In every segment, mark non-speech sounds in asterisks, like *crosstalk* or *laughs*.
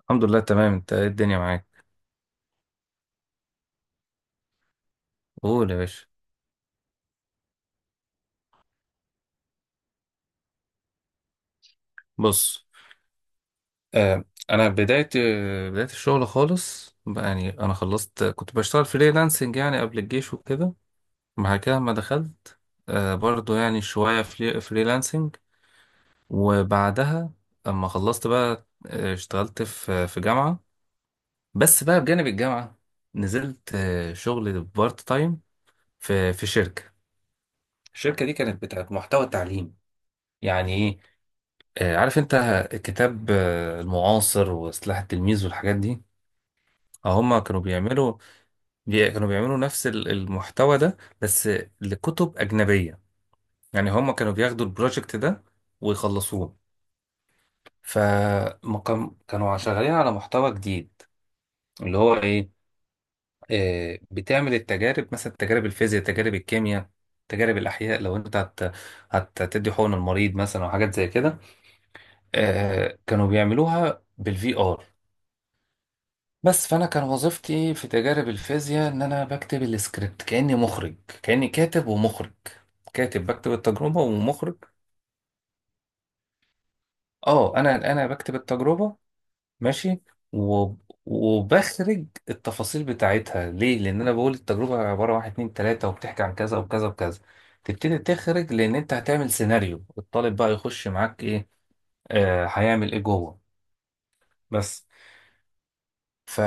الحمد لله تمام. انت ايه الدنيا معاك؟ قول يا باشا. بص، آه، انا بدايه الشغل خالص بقى، يعني انا خلصت كنت بشتغل فريلانسنج يعني قبل الجيش وكده. بعد كده ما دخلت، آه، برضو يعني شويه فريلانسنج. وبعدها اما خلصت بقى، اشتغلت في جامعه. بس بقى بجانب الجامعه نزلت، آه، شغل بارت تايم في شركه. الشركه دي كانت بتاعت محتوى تعليم. يعني ايه؟ آه، عارف انت، كتاب، آه، المعاصر وسلاح التلميذ والحاجات دي. اه، هما كانوا بيعملوا، كانوا بيعملوا نفس المحتوى ده، بس لكتب أجنبية. يعني هما كانوا بياخدوا البروجكت ده ويخلصوه. كانوا شغالين على محتوى جديد اللي هو ايه. آه، بتعمل التجارب، مثلا تجارب الفيزياء، تجارب الكيمياء، تجارب الأحياء. لو انت هتدي حقن المريض مثلا وحاجات زي كده. آه، كانوا بيعملوها بالفي ار. بس فانا كان وظيفتي في تجارب الفيزياء ان انا بكتب السكريبت كاني مخرج، كاني كاتب ومخرج. كاتب بكتب التجربه ومخرج. اه، انا بكتب التجربه. ماشي. و... وبخرج التفاصيل بتاعتها. ليه؟ لان انا بقول التجربه عباره عن واحد اتنين تلاته، وبتحكي عن كذا وكذا وكذا. تبتدي تخرج، لان انت هتعمل سيناريو الطالب بقى، يخش معاك ايه، آه، هيعمل ايه جوه. بس. ف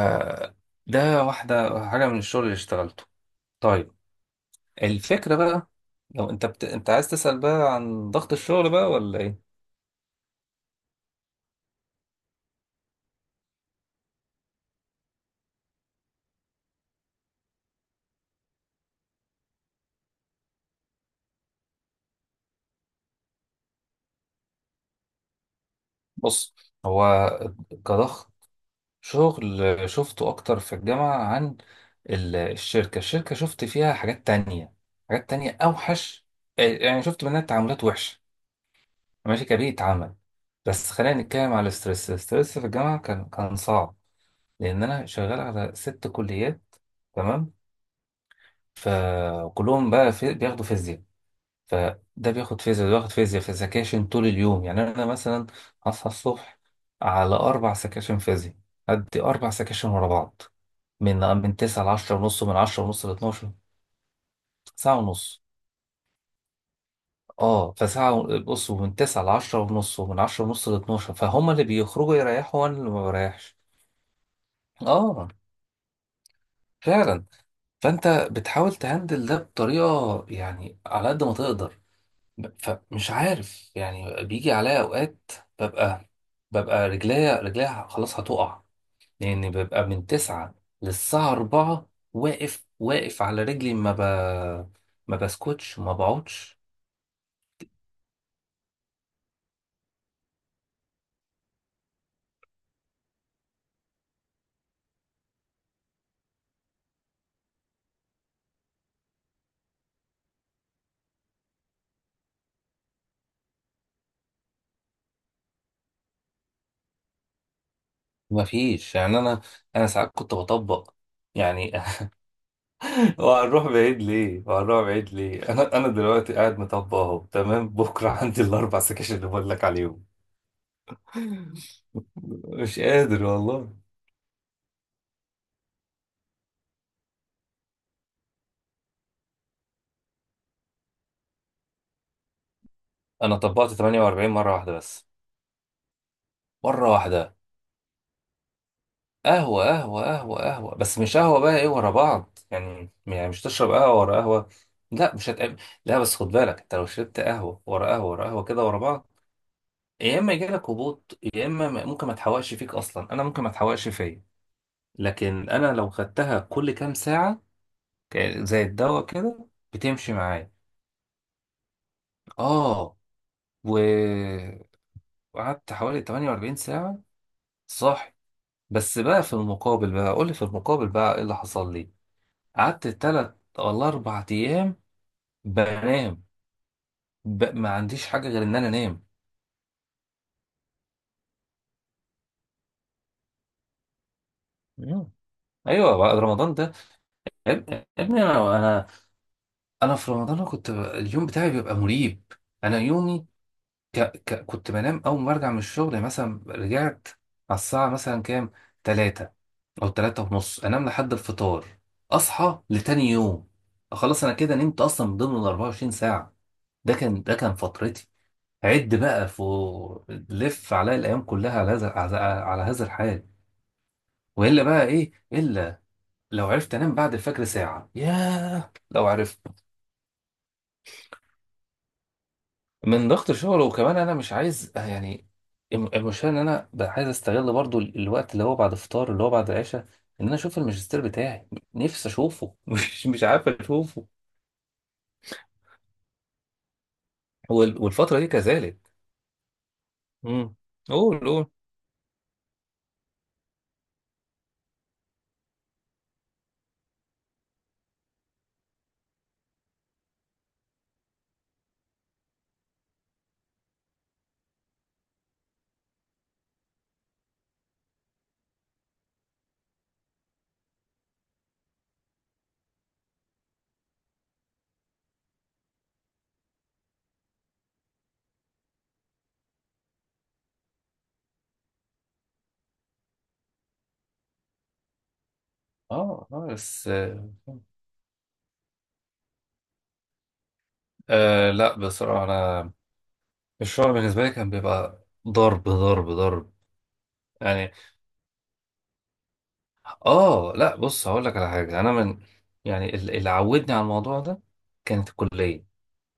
ده واحده حاجه من الشغل اللي اشتغلته. طيب. الفكرة بقى، لو انت انت عايز تسأل بقى عن ضغط الشغل بقى ولا ايه؟ بص. هو، كضغط شغل، شفته اكتر في الجامعة عن الشركة. الشركة شفت فيها حاجات تانية، حاجات تانية اوحش. آه، يعني شفت منها تعاملات وحشة. ماشي، كبيئة عمل. بس خلينا نتكلم على الستريس. الستريس في الجامعة كان صعب، لان انا شغال على 6 كليات. تمام. فكلهم بقى بياخدوا فيزياء. فده بياخد فيزياء، ده بياخد فيزياء، في سكاشن طول اليوم. يعني انا مثلا هصحى الصبح على اربع سكاشن فيزياء. ادي اربع سكاشن ورا بعض، من 9 ل 10 ونص، ومن 10 ونص ل 12. ساعه ونص. اه، بص، ومن 9 ل 10 ونص ومن 10 ونص ل 12، فهم اللي بيخرجوا يريحوا وانا اللي ما بريحش. اه فعلا. فانت بتحاول تهندل ده بطريقه، يعني، على قد ما تقدر. فمش عارف، يعني بيجي عليا اوقات ببقى ببقى رجليا رجليا خلاص هتقع، لان ببقى من تسعة للساعة أربعة واقف واقف على رجلي. ما بسكتش ما بقعدش. ما فيش. يعني انا، ساعات كنت بطبق، يعني. *laughs* وهنروح بعيد ليه، وهنروح بعيد ليه؟ انا دلوقتي قاعد مطبق اهو. تمام؟ بكره *laughs* عندي الاربع سكاشن اللي بقول لك عليهم. مش قادر والله. انا طبقت 48 مرة واحدة بس. مرة واحدة. قهوة قهوة قهوة قهوة، بس مش قهوة بقى، ايه ورا بعض، يعني مش تشرب قهوة ورا قهوة. لا مش هتقابل. لا بس خد بالك، انت لو شربت قهوة ورا قهوة ورا قهوة كده ورا بعض، يا اما يجيلك هبوط، يا اما ممكن ما تحوقش فيك اصلا. انا ممكن ما تحوقش فيا. لكن انا لو خدتها كل كام ساعة، ك- زي الدواء كده، بتمشي معايا. اه. و وقعدت حوالي 48 ساعة صاحي. بس بقى، في المقابل بقى، قولي في المقابل بقى ايه اللي حصل لي. قعدت تلات ولا أربع أيام بنام. ما عنديش حاجة غير إن أنا أنام. مم. أيوه، بعد رمضان ده. يا ابني يا ابني، أنا أنا في رمضان، أنا كنت، اليوم بتاعي بيبقى مريب. أنا يومي، كنت بنام أول ما برجع من الشغل. يعني مثلا رجعت على الساعة مثلا كام، تلاتة أو تلاتة ونص، أنام لحد الفطار، أصحى لتاني يوم. خلاص أنا كده نمت أصلا من ضمن الأربعة وعشرين ساعة. ده كان فترتي. عد بقى فوق، لف عليا الايام كلها على هذا الحال. والا بقى ايه الا. لو عرفت انام بعد الفجر ساعه، ياه لو عرفت. من ضغط الشغل. وكمان انا مش عايز، يعني، المشكله ان انا بقى عايز استغل برضو الوقت اللي هو بعد الفطار، اللي هو بعد العشاء، ان انا اشوف الماجستير بتاعي. نفسي اشوفه. *laughs* مش عارف اشوفه. والفتره دي كذلك. امم. قول قول. اه، بس لا بصراحه انا الشعر بالنسبة لي كان بيبقى ضرب ضرب ضرب، يعني. اه لا، بص هقول لك على حاجة. انا من، يعني، اللي عودني على الموضوع ده كانت الكلية.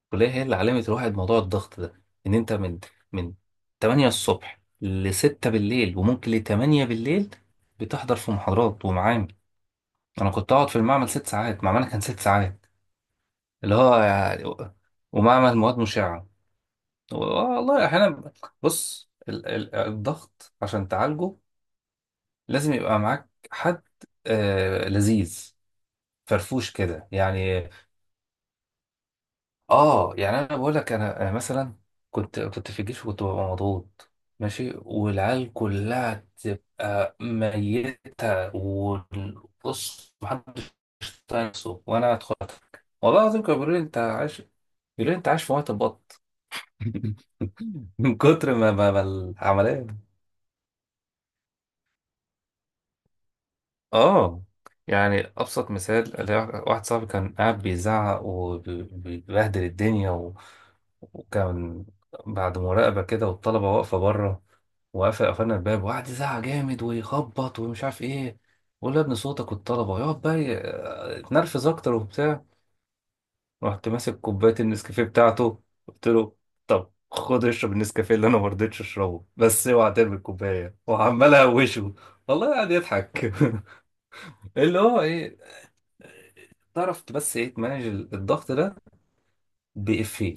الكلية هي اللي علمت الواحد موضوع الضغط ده، ان انت من 8 الصبح ل 6 بالليل وممكن ل 8 بالليل بتحضر في محاضرات ومعامل. انا كنت اقعد في المعمل 6 ساعات. معملنا كان 6 ساعات، اللي هو يعني. ومعمل مواد مشعة، والله احيانا. بص، الضغط عشان تعالجه لازم يبقى معاك حد، آه، لذيذ، فرفوش كده، يعني. اه، يعني انا بقول لك، انا مثلا كنت في الجيش وكنت ببقى مضغوط، ماشي، والعيال كلها تبقى ميتة وبص، محدش طايق نفسه وانا اتخرجت. والله العظيم كانوا بيقولوا لي انت عايش، بيقولوا لي انت عايش في وقت البط. *laughs* من كتر ما العملية. اه، يعني ابسط مثال اللي هو، واحد صاحبي كان قاعد بيزعق وبيبهدل الدنيا وكان بعد مراقبة كده والطلبة واقفة بره، قفلنا الباب وقعد يزعق جامد ويخبط ومش عارف ايه. بقول له يا ابني صوتك والطلبة، يقعد بقى، اتنرفز اكتر وبتاع. رحت ماسك كوباية النسكافيه بتاعته، قلت له طب خد اشرب النسكافيه اللي انا ما رضيتش اشربه، بس اوعى ترمي الكوبايه وعمال اهوشه. والله قاعد يضحك. *laughs* اللي هو ايه، تعرف بس ايه تمانج الضغط ده؟ بإفيه.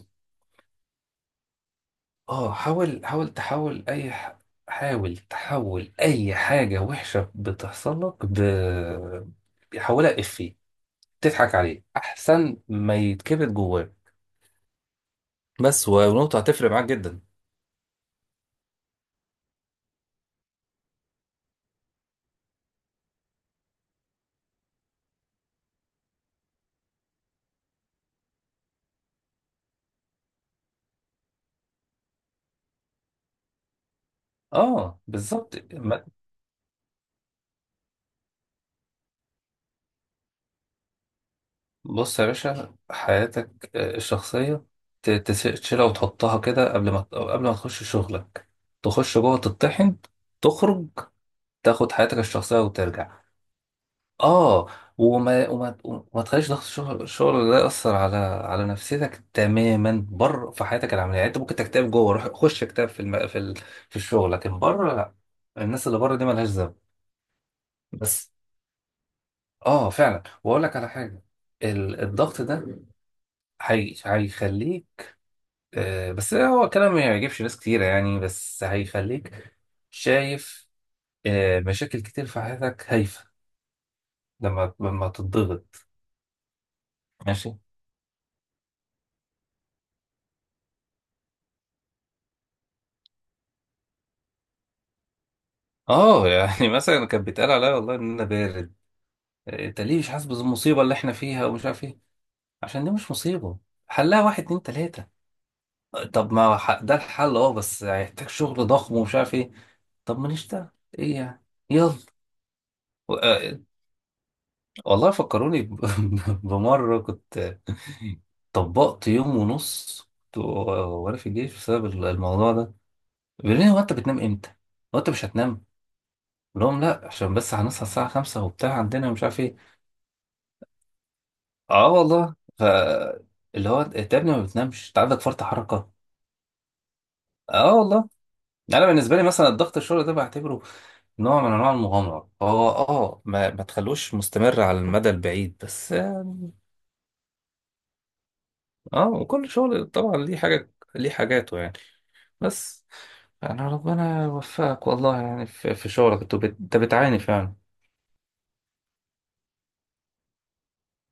اه، حاول، تحول اي حاجة وحشة بتحصل لك، بيحولها إفيه، تضحك عليه احسن ما يتكبت جواه. بس، ونقطة هتفرق معاك جدا. اه بالظبط. بص يا باشا، حياتك، آه، الشخصية، تشيلها وتحطها كده قبل ما، تخش شغلك. تخش جوه، تطحن، تخرج، تاخد حياتك الشخصية وترجع. اه، وما تخليش ضغط الشغل، ده يأثر على نفسيتك تماما بره في حياتك العمليه. يعني انت ممكن تكتئب جوه، روح خش اكتئب في الم... في ال... في الشغل، لكن بره لا. الناس اللي بره دي مالهاش ذنب. بس. اه فعلا، واقول لك على حاجه، الضغط ده هيخليك، آه، بس هو كلام ما يعجبش ناس كتيره، يعني، بس هيخليك شايف، آه، مشاكل كتير في حياتك هايفه، لما تتضغط. ماشي. اه يعني *laughs* مثلا كانت بيتقال عليا والله ان انا بارد، انت ليه مش حاسس بالمصيبه اللي احنا فيها ومش عارف ايه. عشان دي مش مصيبه. حلها واحد اتنين تلاته. طب، ما ح- ده الحل اه، بس هيحتاج شغل ضخم ومش عارف ايه. طب ما نشتغل، ايه يعني، يلا. آه، والله فكروني، *laughs* بمره كنت طبقت يوم ونص، كنت وانا في الجيش بسبب الموضوع ده. بيقول لي هو: انت بتنام امتى؟ هو انت مش هتنام؟ قلت لهم لا، عشان بس هنصحى الساعه 5 وبتاع، عندنا مش عارف ايه. اه والله. ف اللي هو انت يا ابني ما بتنامش، انت عندك فرط حركه. اه والله. انا بالنسبه لي مثلا الضغط الشغل ده بعتبره نوع من انواع المغامره. هو اه، ما تخلوش مستمر على المدى البعيد، بس، يعني. اه، وكل شغل طبعا ليه حاجه، ليه حاجاته، يعني. بس، يعني ربنا يوفقك، والله، يعني في شغلك انت، أنت بتعاني فعلا.